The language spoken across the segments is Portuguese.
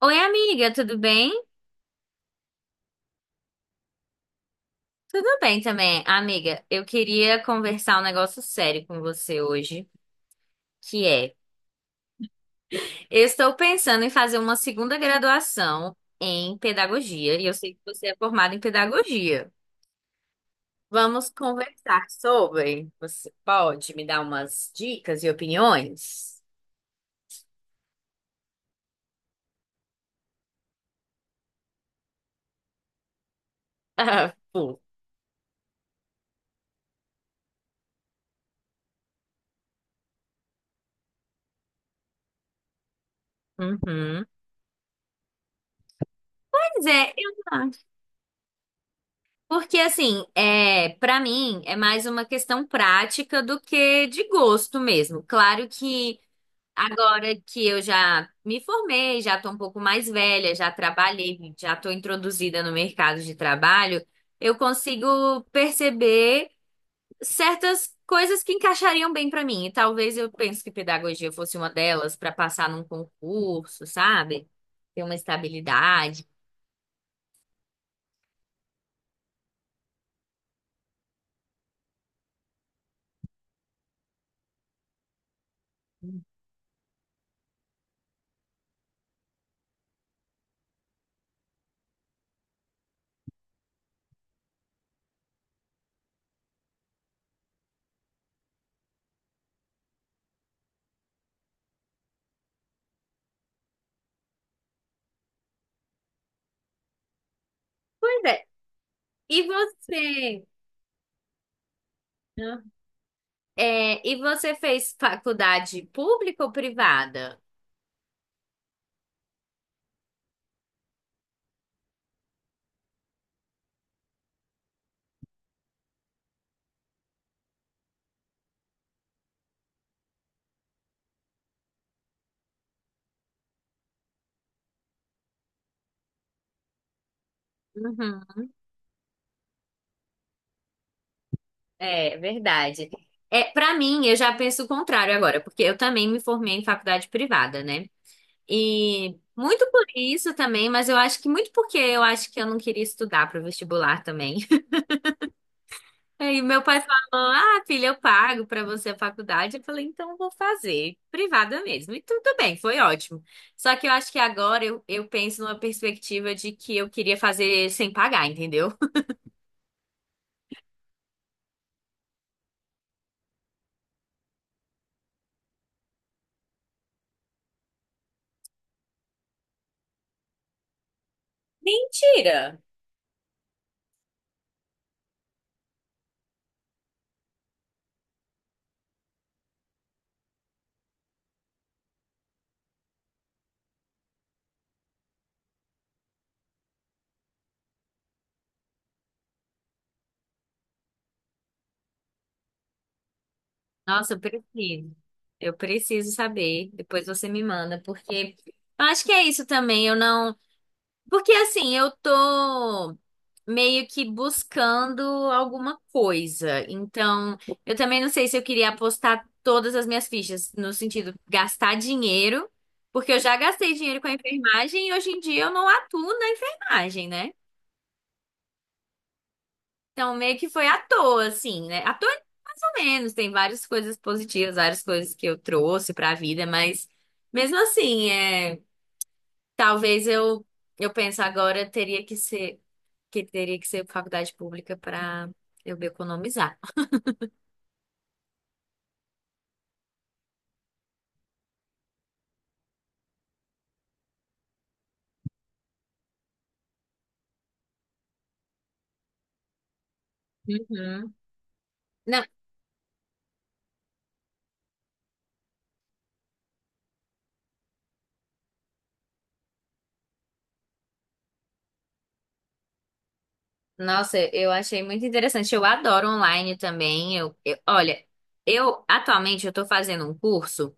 Oi, amiga, tudo bem? Tudo bem também. Amiga, eu queria conversar um negócio sério com você hoje, que é, eu estou pensando em fazer uma segunda graduação em pedagogia, e eu sei que você é formada em pedagogia. Vamos conversar sobre. Você pode me dar umas dicas e opiniões? Ah, pô. Uhum. Pois é, eu acho. Porque assim, é, para mim é mais uma questão prática do que de gosto mesmo. Claro que Agora que eu já me formei, já estou um pouco mais velha, já trabalhei, já estou introduzida no mercado de trabalho, eu consigo perceber certas coisas que encaixariam bem para mim. E talvez eu pense que pedagogia fosse uma delas para passar num concurso, sabe? Ter uma estabilidade. Pois é. E você? É, e você fez faculdade pública ou privada? Uhum. É, verdade. É, para mim, eu já penso o contrário agora, porque eu também me formei em faculdade privada, né? E muito por isso também, mas eu acho que muito porque eu acho que eu não queria estudar para o vestibular também. Aí meu pai falou: "Ah, filha, eu pago para você a faculdade". Eu falei: "Então eu vou fazer privada mesmo". E tudo bem, foi ótimo. Só que eu acho que agora eu penso numa perspectiva de que eu queria fazer sem pagar, entendeu? Mentira! Nossa, eu preciso. Eu preciso saber. Depois você me manda, porque eu acho que é isso também. Eu não. Porque assim, eu tô meio que buscando alguma coisa. Então, eu também não sei se eu queria apostar todas as minhas fichas, no sentido gastar dinheiro, porque eu já gastei dinheiro com a enfermagem e hoje em dia eu não atuo na enfermagem, né? Então, meio que foi à toa, assim, né? À toa, mais ou menos. Tem várias coisas positivas, várias coisas que eu trouxe pra vida, mas mesmo assim, é, talvez eu penso agora teria que ser que teria que ser faculdade pública pra eu me economizar. Uhum. Não, nossa, eu achei muito interessante. Eu adoro online também. Olha, eu atualmente eu tô fazendo um curso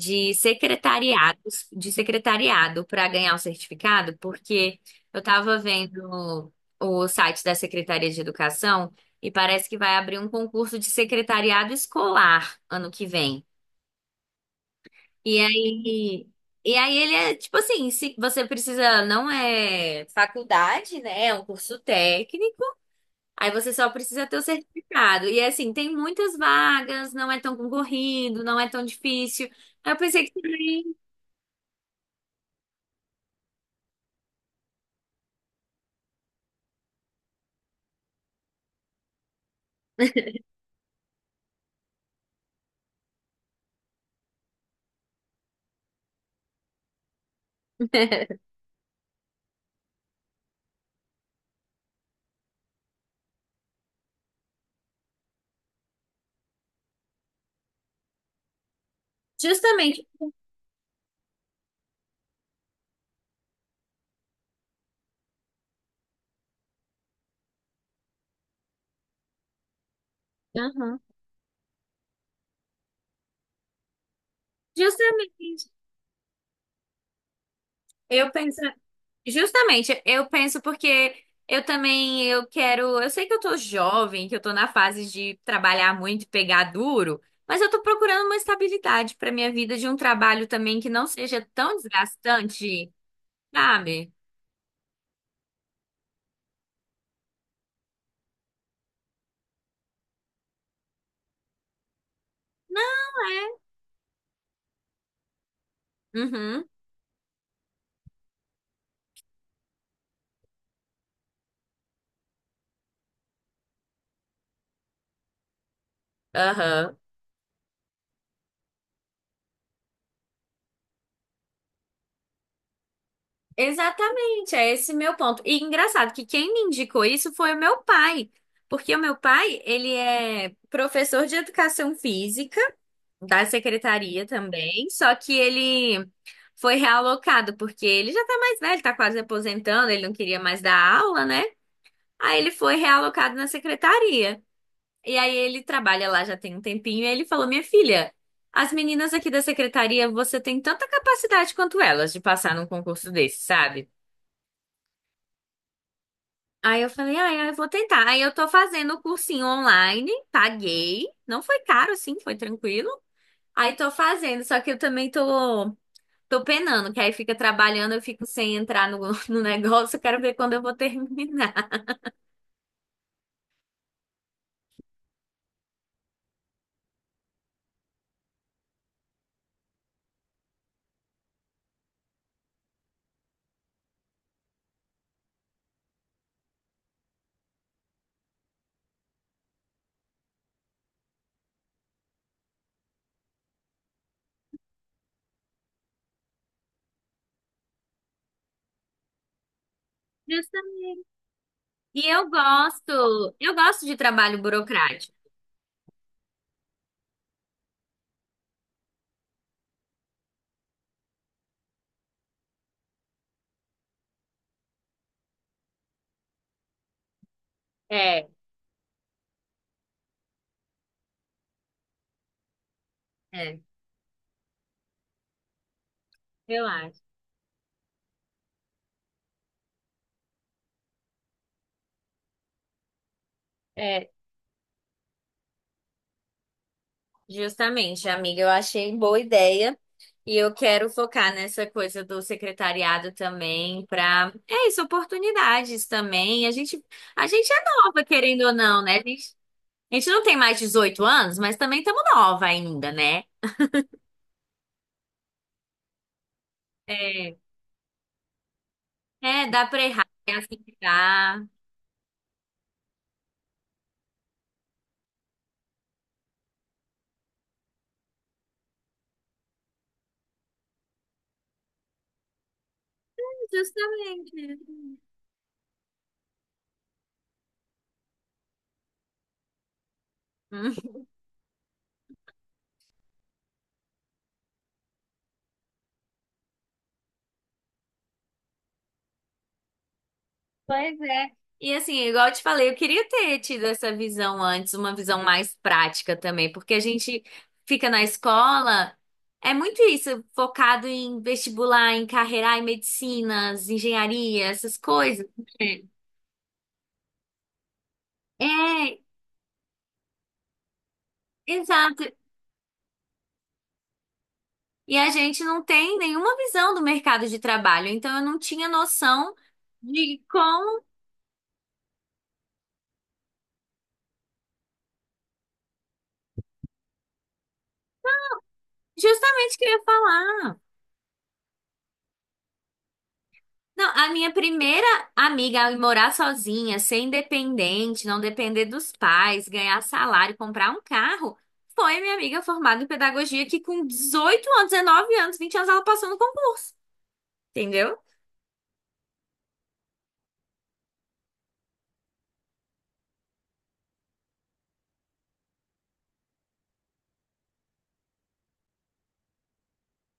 de secretariados, de secretariado para ganhar o certificado, porque eu estava vendo o site da Secretaria de Educação e parece que vai abrir um concurso de secretariado escolar ano que vem. E aí, e aí ele é tipo assim, se você precisa, não é faculdade, né? É um curso técnico. Aí você só precisa ter o certificado. E assim, tem muitas vagas, não é tão concorrido, não é tão difícil. Aí eu pensei que também. Justamente. Aham. Justamente. Eu penso, justamente, eu penso porque eu também eu quero, eu sei que eu tô jovem, que eu tô na fase de trabalhar muito e pegar duro, mas eu tô procurando uma estabilidade pra minha vida de um trabalho também que não seja tão desgastante, sabe? Uhum. Aham. Exatamente, é esse meu ponto. E engraçado que quem me indicou isso foi o meu pai, porque o meu pai, ele é professor de educação física da secretaria também, só que ele foi realocado, porque ele já tá mais velho, tá quase aposentando, ele não queria mais dar aula, né? Aí ele foi realocado na secretaria. E aí ele trabalha lá já tem um tempinho, e ele falou: "Minha filha, as meninas aqui da secretaria, você tem tanta capacidade quanto elas de passar num concurso desse, sabe?" Aí eu falei, ah, eu vou tentar. Aí eu tô fazendo o cursinho online, paguei. Não foi caro, assim, foi tranquilo. Aí tô fazendo, só que eu também tô penando, que aí fica trabalhando, eu fico sem entrar no, no negócio, eu quero ver quando eu vou terminar. Justamente. E eu gosto, de trabalho burocrático. É, é, eu acho. É, justamente, amiga, eu achei boa ideia. E eu quero focar nessa coisa do secretariado também, para é isso, oportunidades também. A gente é nova, querendo ou não, né? A gente não tem mais 18 anos, mas também estamos nova ainda, né? É. É, dá pra errar, é assim que dá. Justamente. Hum. Pois é. E assim, igual eu te falei, eu queria ter tido essa visão antes, uma visão mais prática também, porque a gente fica na escola, é muito isso, focado em vestibular, em carreira, em medicinas, engenharia, essas coisas. É, exato. E a gente não tem nenhuma visão do mercado de trabalho, então eu não tinha noção de como justamente que eu ia falar. Não, a minha primeira amiga a morar sozinha, ser independente, não depender dos pais, ganhar salário, comprar um carro, foi minha amiga formada em pedagogia que com 18 anos, 19 anos, 20 anos, ela passou no concurso, entendeu?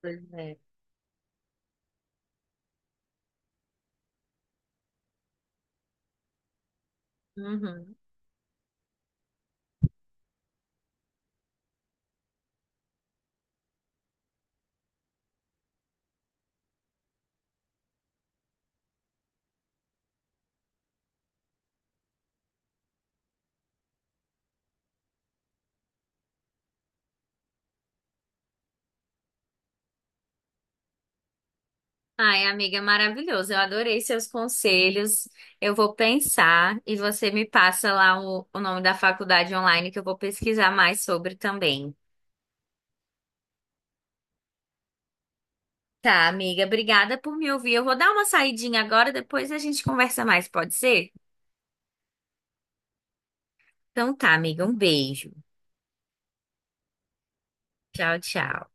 Pois é. Uhum. Ai, amiga, maravilhoso. Eu adorei seus conselhos. Eu vou pensar e você me passa lá o nome da faculdade online que eu vou pesquisar mais sobre também. Tá, amiga, obrigada por me ouvir. Eu vou dar uma saidinha agora, depois a gente conversa mais, pode ser? Então tá, amiga, um beijo. Tchau, tchau.